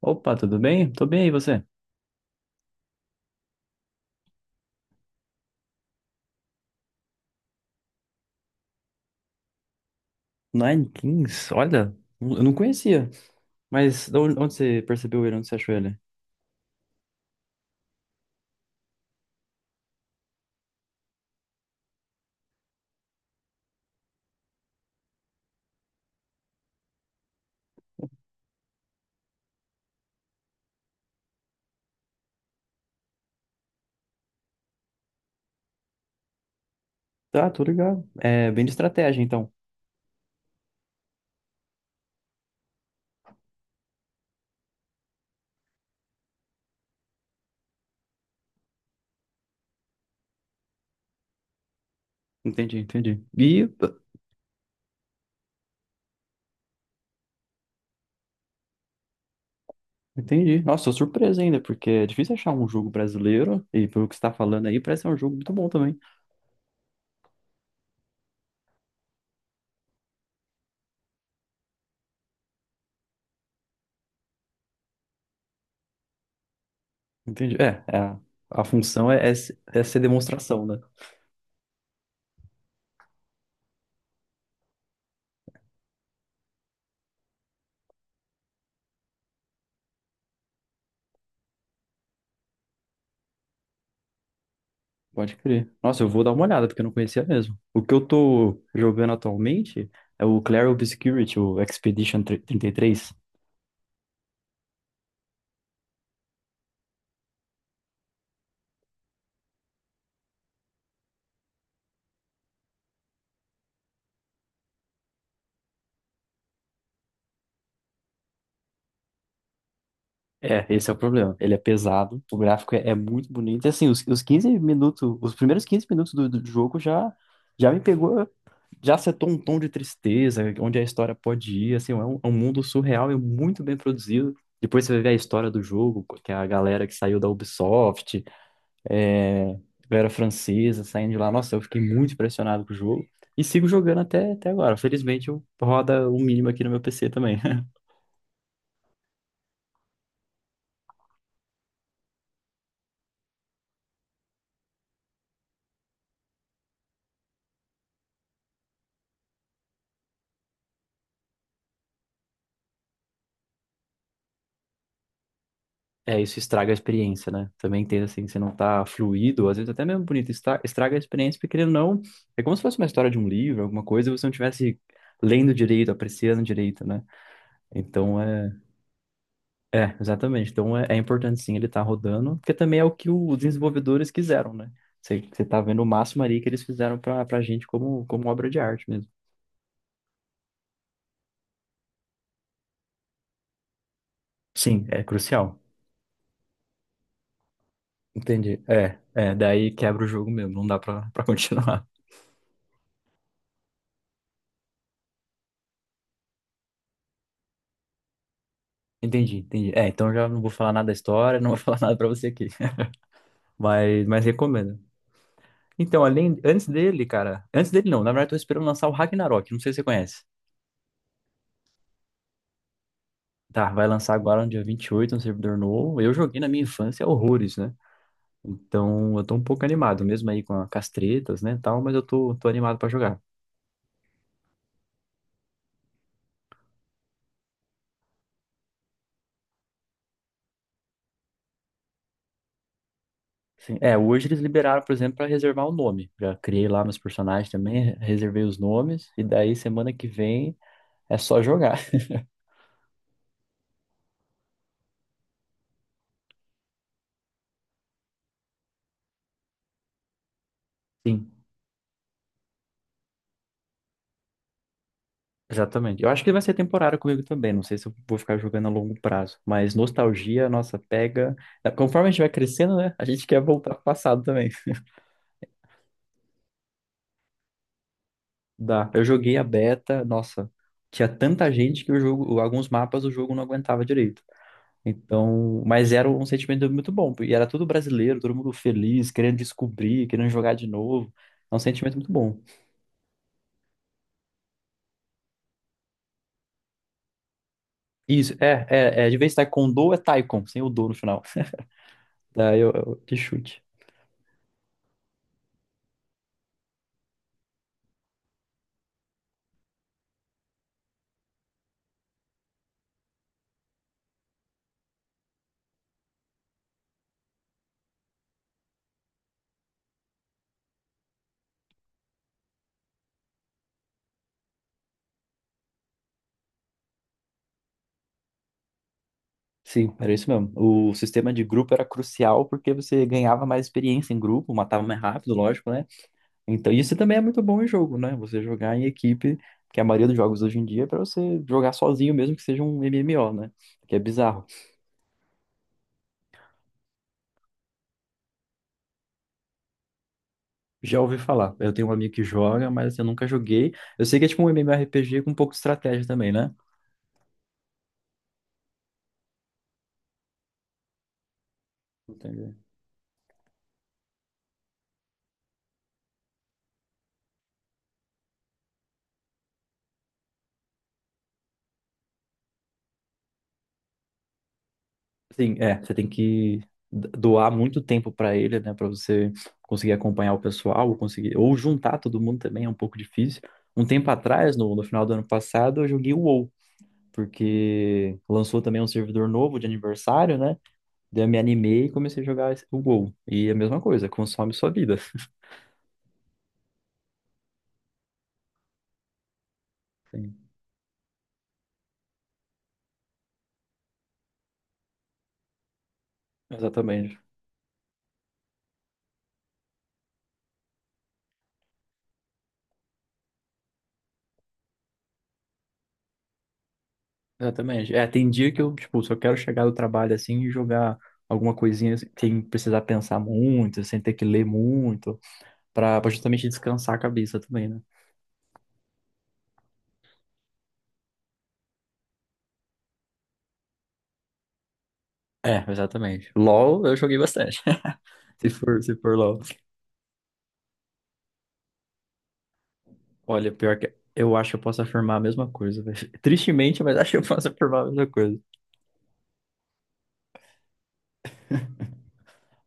Opa, tudo bem? Tô bem, e você? Nine Kings, olha, eu não conhecia. Mas de onde você percebeu ele? Onde você achou ele? Tá, tô ligado. É bem de estratégia, então. Entendi, entendi. Entendi. Nossa, tô surpreso ainda, porque é difícil achar um jogo brasileiro, e pelo que você tá falando aí, parece ser um jogo muito bom também. Entendi. É, é, a função é ser demonstração, né? Pode crer. Nossa, eu vou dar uma olhada, porque eu não conhecia mesmo. O que eu tô jogando atualmente é o Clair Obscurity, o Expedition 33. É, esse é o problema. Ele é pesado, o gráfico é muito bonito. E, assim, os 15 minutos, os primeiros 15 minutos do jogo já me pegou, já setou um tom de tristeza, onde a história pode ir. Assim, é um mundo surreal e muito bem produzido. Depois você vai ver a história do jogo, que é a galera que saiu da Ubisoft, é, galera francesa saindo de lá. Nossa, eu fiquei muito impressionado com o jogo. E sigo jogando até agora. Felizmente, eu roda o mínimo aqui no meu PC também. É, isso estraga a experiência, né? Também entendo assim, que você não tá fluido, às vezes até mesmo bonito, estraga a experiência, porque querendo ou não, é como se fosse uma história de um livro, alguma coisa, e você não tivesse lendo direito, apreciando direito, né? Então, exatamente. Então é importante sim ele estar rodando, porque também é o que os desenvolvedores quiseram, né? Você tá vendo o máximo ali que eles fizeram pra gente como obra de arte mesmo. Sim, é crucial. Entendi. Daí quebra o jogo mesmo, não dá pra continuar. Entendi, entendi. É, então eu já não vou falar nada da história, não vou falar nada pra você aqui. Mas recomendo. Então, além, antes dele, cara, antes dele não, na verdade eu tô esperando lançar o Ragnarok, não sei se você conhece. Tá, vai lançar agora no dia 28 um servidor novo. Eu joguei na minha infância horrores, né? Então, eu tô um pouco animado, mesmo aí com, com as tretas, né, tal, mas eu tô animado pra jogar. Sim. É, hoje eles liberaram, por exemplo, pra reservar o nome. Já criei lá meus personagens também, reservei os nomes, e daí semana que vem é só jogar. Sim. Exatamente. Eu acho que ele vai ser temporário comigo também. Não sei se eu vou ficar jogando a longo prazo. Mas nostalgia, nossa, pega. É, conforme a gente vai crescendo, né? A gente quer voltar pro passado também. Dá. Eu joguei a beta, nossa, tinha tanta gente que o jogo, alguns mapas o jogo não aguentava direito. Então, mas era um sentimento muito bom. E era tudo brasileiro, todo mundo feliz, querendo descobrir, querendo jogar de novo. É um sentimento muito bom. Isso, é, é, é. De vez em taekwondo é taikon, sem o do no final. Daí que chute. Sim, era isso mesmo. O sistema de grupo era crucial porque você ganhava mais experiência em grupo, matava mais rápido, lógico, né? Então, isso também é muito bom em jogo, né? Você jogar em equipe, que a maioria dos jogos hoje em dia é pra você jogar sozinho, mesmo que seja um MMO, né? Que é bizarro. Já ouvi falar. Eu tenho um amigo que joga, mas eu nunca joguei. Eu sei que é tipo um MMORPG com um pouco de estratégia também, né? Entendi. Sim, é, você tem que doar muito tempo para ele, né, para você conseguir acompanhar o pessoal, ou conseguir ou juntar todo mundo também é um pouco difícil. Um tempo atrás, no final do ano passado, eu joguei o WoW, porque lançou também um servidor novo de aniversário, né? Daí eu me animei e comecei a jogar o WoW. E é a mesma coisa, consome sua vida. Sim, exatamente. Exatamente. É, tem dia que eu, tipo, só quero chegar do trabalho assim e jogar alguma coisinha assim, sem precisar pensar muito, sem ter que ler muito. Pra justamente descansar a cabeça também, né? É, exatamente. LOL eu joguei bastante. Se for LOL. Olha, pior que eu acho que eu posso afirmar a mesma coisa. Velho. Tristemente, mas acho que eu posso afirmar a mesma coisa.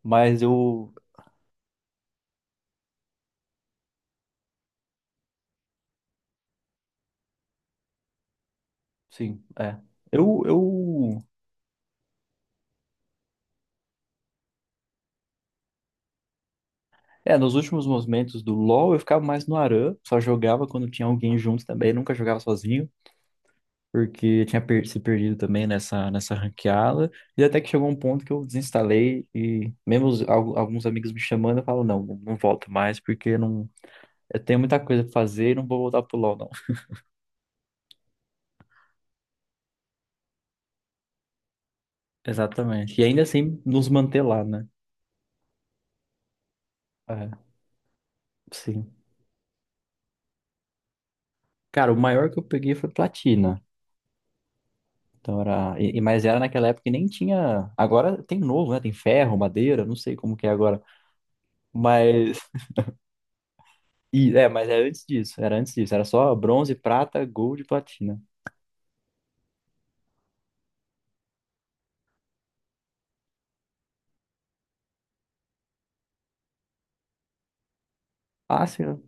Mas eu, sim, é. Eu, eu, Nos últimos momentos do LoL eu ficava mais no ARAM, só jogava quando tinha alguém junto também, nunca jogava sozinho. Porque eu tinha se perdido também nessa ranqueada. E até que chegou um ponto que eu desinstalei e mesmo alguns amigos me chamando, eu falo, não, não volto mais, porque não, eu tenho muita coisa pra fazer e não vou voltar pro LoL, não. Exatamente. E ainda assim nos manter lá, né? É, sim. Cara, o maior que eu peguei foi platina. Então era, mas era naquela época que nem tinha. Agora tem novo, né? Tem ferro, madeira, não sei como que é agora. Mas, mas é antes disso, era só bronze, prata, gold e platina. Ah, sim.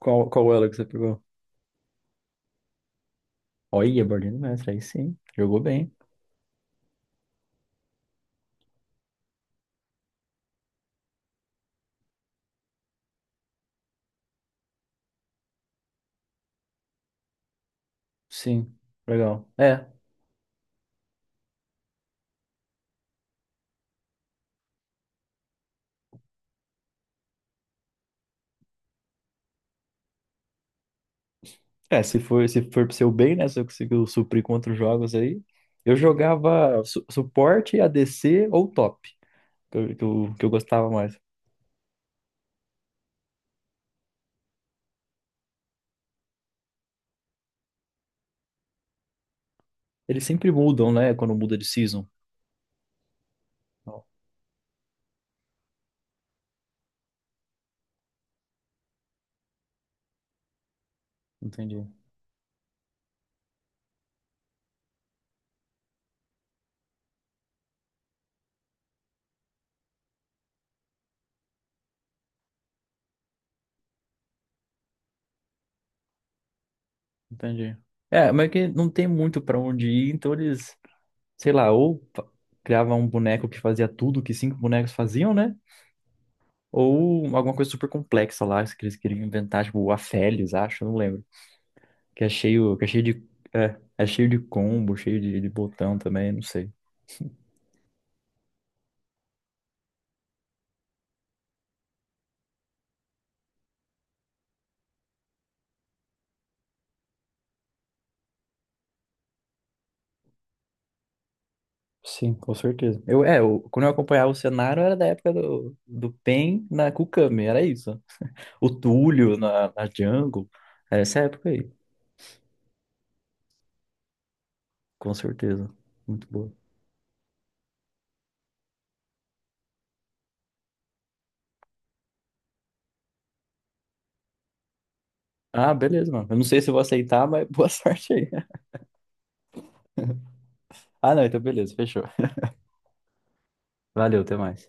Qual ela que você pegou? Olha, Borderline Mestre, aí sim. Jogou bem. Sim, legal. É, se for pro seu bem, né? Se eu conseguir suprir com outros jogos aí. Eu jogava su suporte, ADC ou top, que eu gostava mais. Eles sempre mudam, né? Quando muda de season. Ó, entendi, entendi. É, mas é que não tem muito pra onde ir, então eles, sei lá, criavam um boneco que fazia tudo que cinco bonecos faziam, né? Ou alguma coisa super complexa lá, que eles queriam inventar, tipo, o Aphelios, acho, eu não lembro. Que é cheio de. É, é cheio de combo, cheio de botão também, não sei. Sim, com certeza. Eu quando eu acompanhava o cenário, era da época do Pen na Kukami, era isso. O Túlio na Jungle, era essa época aí, com certeza. Muito boa. Ah, beleza, mano. Eu não sei se eu vou aceitar, mas boa sorte aí. Ah, não, então beleza, fechou. Valeu, até mais.